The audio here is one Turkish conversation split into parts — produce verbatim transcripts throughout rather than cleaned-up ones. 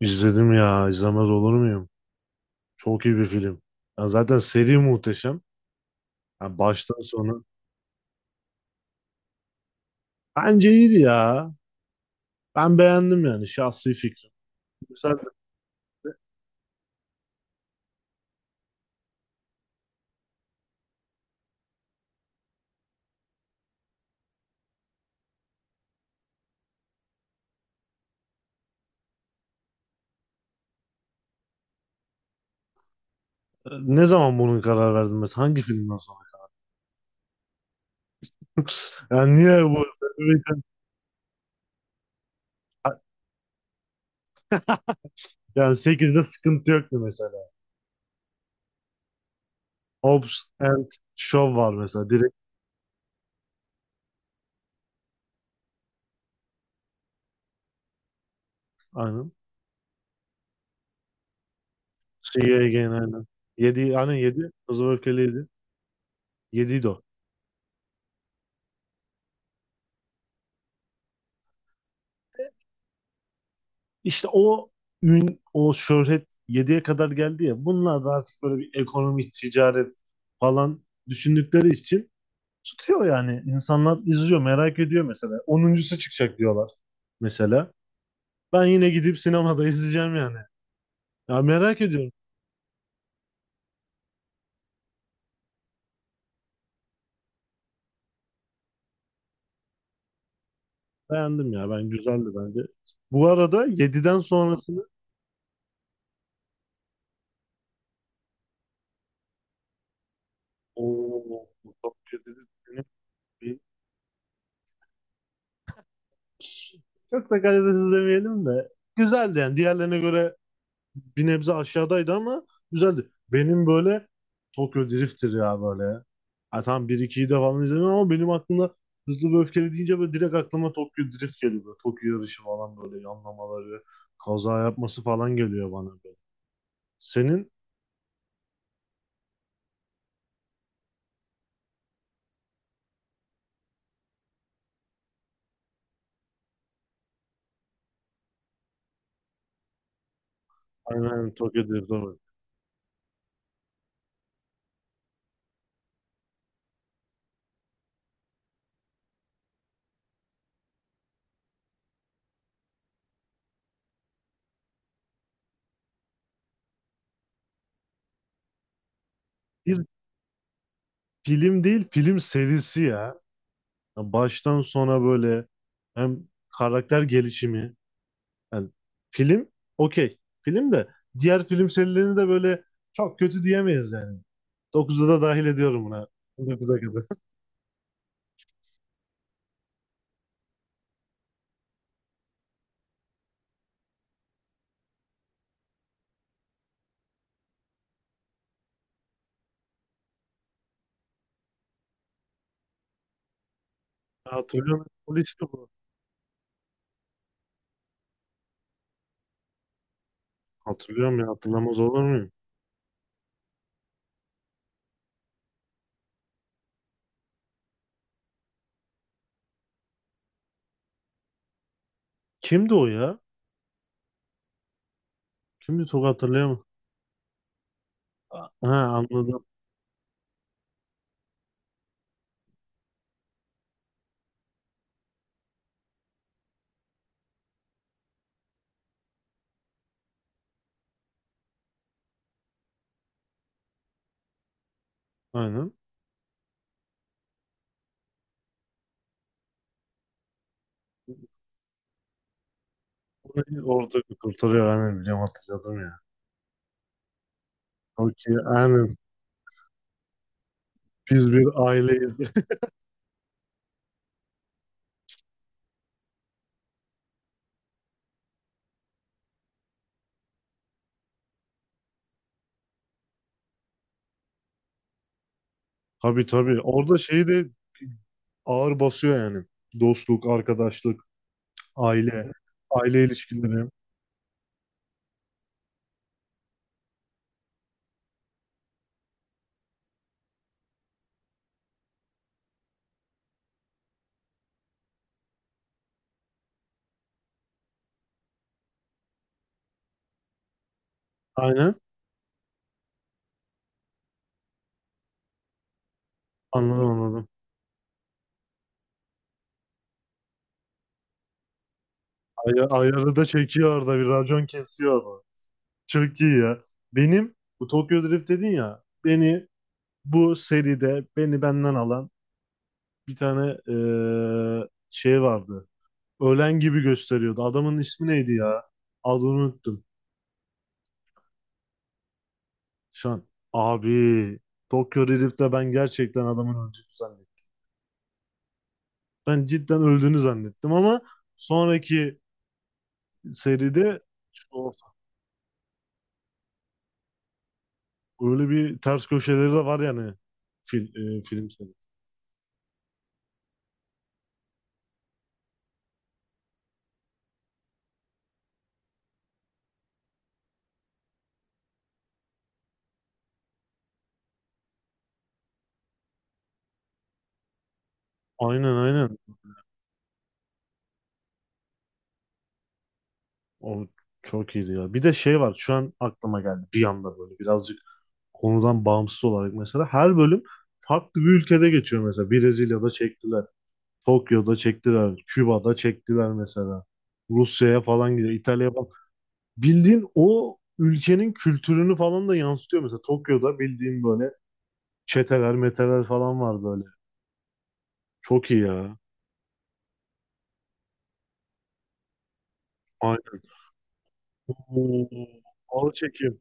İzledim ya, izlemez olur muyum? Çok iyi bir film. Ya zaten seri muhteşem. Ya baştan sona. Bence iyiydi ya. Ben beğendim yani şahsi fikrim. Sen e, ne zaman bunun karar verdin mesela? Hangi filmden sonra? Yani niye bu? Yani sekizde sıkıntı yoktu mesela. Hobbs and Shaw var mesela direkt. Aynen. See you again aynen. Yedi. Aynen yedi. Hızlı ve Öfkeliydi. yedi. İşte o ün, o şöhret yediye kadar geldi ya. Bunlar da artık böyle bir ekonomi, ticaret falan düşündükleri için tutuyor yani. İnsanlar izliyor, merak ediyor mesela. Onuncusu çıkacak diyorlar mesela. Ben yine gidip sinemada izleyeceğim yani. Ya merak ediyorum. Beğendim ya. Ben güzeldi bence. Bu arada yediden sonrasını o çok kötü. Benim- Çok da kalitesiz demeyelim de güzeldi yani. Diğerlerine göre bir nebze aşağıdaydı ama güzeldi. Benim böyle Tokyo Drift'tir ya böyle. Ha, tamam bir ikiyi de falan izledim ama benim aklımda Hızlı ve Öfkeli deyince böyle direkt aklıma Tokyo Drift geliyor. Böyle Tokyo yarışı falan böyle yanlamaları, kaza yapması falan geliyor bana böyle. Senin aynen, aynen, Tokyo Drift tabii. Bir film değil, film serisi ya. Ya baştan sona böyle hem karakter gelişimi. Yani film okey. Film de diğer film serilerini de böyle çok kötü diyemeyiz yani. dokuzu da dahil ediyorum buna. dokuza kadar. Hatırlıyorum. Polisi bu. Hatırlıyorum ya. Hatırlamaz olur muyum? Kimdi o ya? Kimdi çok hatırlayamam. Ha, anladım. Aynen. Orayı Orada kurtarıyor. Aynen, biliyorum, hatırladım ya. Çok aynen. Biz bir aileyiz. Tabii, tabii. Orada şeyi de ağır basıyor yani. Dostluk, arkadaşlık, aile, aile ilişkileri. Aynen. Anladım, anladım. Ay ayarı da çekiyor orada, bir racon kesiyor orada. Çok iyi ya. Benim bu Tokyo Drift dedin ya, beni bu seride beni benden alan bir tane eee, şey vardı. Ölen gibi gösteriyordu. Adamın ismi neydi ya? Adını unuttum. Şan. Abi Tokyo Drift'te ben gerçekten adamın öldüğünü zannettim. Ben cidden öldüğünü zannettim ama sonraki seride öyle bir ters köşeleri de var yani fil, e, film seri. Aynen, aynen. O çok iyiydi ya. Bir de şey var, şu an aklıma geldi bir anda, böyle birazcık konudan bağımsız olarak mesela her bölüm farklı bir ülkede geçiyor mesela. Brezilya'da çektiler, Tokyo'da çektiler, Küba'da çektiler mesela. Rusya'ya falan gidiyor, İtalya'ya falan. Bildiğin o ülkenin kültürünü falan da yansıtıyor mesela. Tokyo'da bildiğin böyle çeteler, meteler falan var böyle. Çok iyi ya. Aynen. Oo, ağır çekim.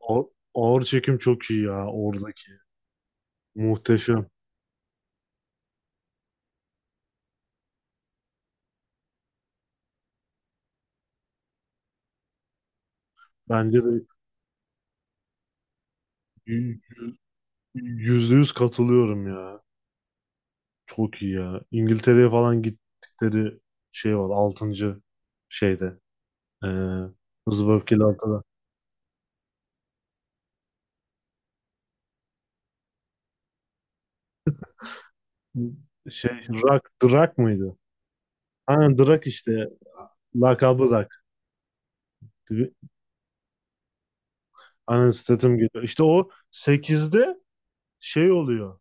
Ağır, Ağır çekim çok iyi ya oradaki. Muhteşem. Bence de y- yüzde yüz katılıyorum ya. Çok iyi ya. İngiltere'ye falan gittikleri şey var. Altıncı şeyde. Ee, Hızlı ve Öfkeli altıda. Şey, Rock, Drak mıydı? Aynen Drak işte. Lakabı Drak. Aynen, Statham geliyor. İşte o sekizde şey oluyor.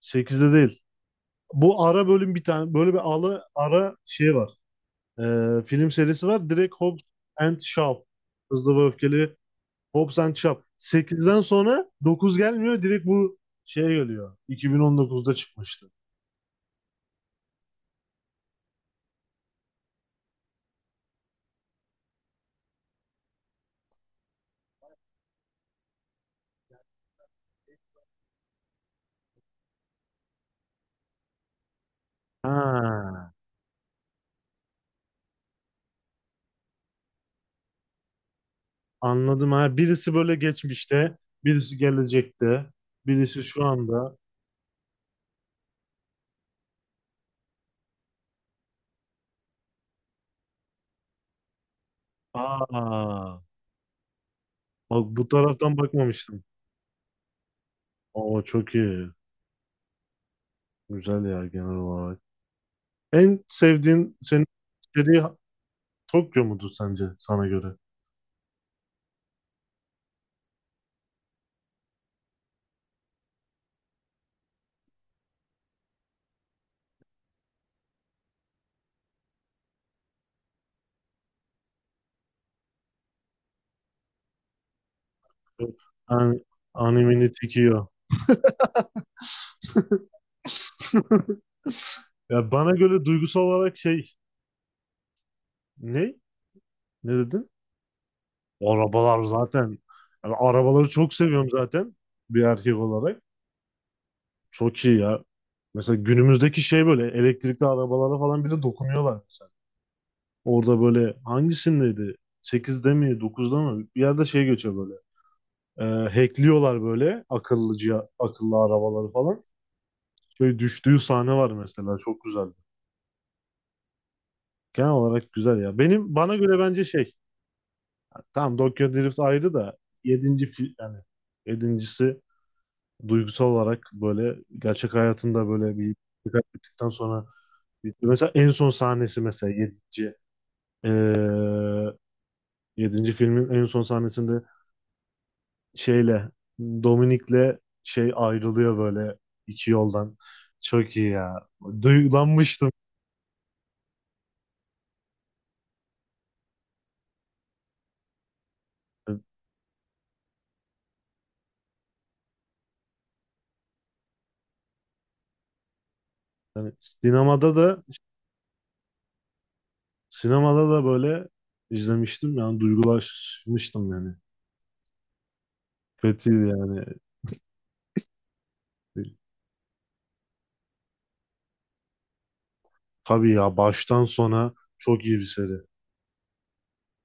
Sekizde değil. Bu ara bölüm, bir tane böyle bir ala, ara şey var. Ee, film serisi var. Direkt Hobbs and Shaw. Hızlı ve Öfkeli Hobbs and Shaw. Sekizden sonra dokuz gelmiyor. Direkt bu şeye geliyor. iki bin on dokuzda çıkmıştı. Ha, anladım ha. Birisi böyle geçmişte, birisi gelecekte, birisi şu anda. Aa, bak bu taraftan bakmamıştım. Oo, çok iyi. Güzel ya genel olarak. En sevdiğin senin seri Tokyo mudur sence sana göre? Yani animini tikiyor. Ya bana göre duygusal olarak şey ne? Ne dedin? Arabalar zaten. Yani arabaları çok seviyorum zaten bir erkek olarak. Çok iyi ya. Mesela günümüzdeki şey böyle elektrikli arabalara falan bile dokunuyorlar mesela. Orada böyle hangisindeydi? sekizde mi dokuzda mı? Bir yerde şey geçiyor böyle. Ee, Hackliyorlar böyle akıllıca akıllı arabaları falan. Şöyle düştüğü sahne var mesela, çok güzeldi. Genel olarak güzel ya. Benim bana göre bence şey, tamam Tokyo Drift ayrı da yedinci fi- yani yedincisi duygusal olarak böyle gerçek hayatında böyle bir bir kaybettikten sonra bir- mesela en son sahnesi, mesela yedinci eee, yedinci filmin en son sahnesinde şeyle, Dominik'le şey, ayrılıyor böyle iki yoldan. Çok iyi ya. Duygulanmıştım. Yani sinemada da sinemada da böyle izlemiştim yani, duygulaşmıştım yani. Kötüydü yani. Tabii ya, baştan sona çok iyi bir seri.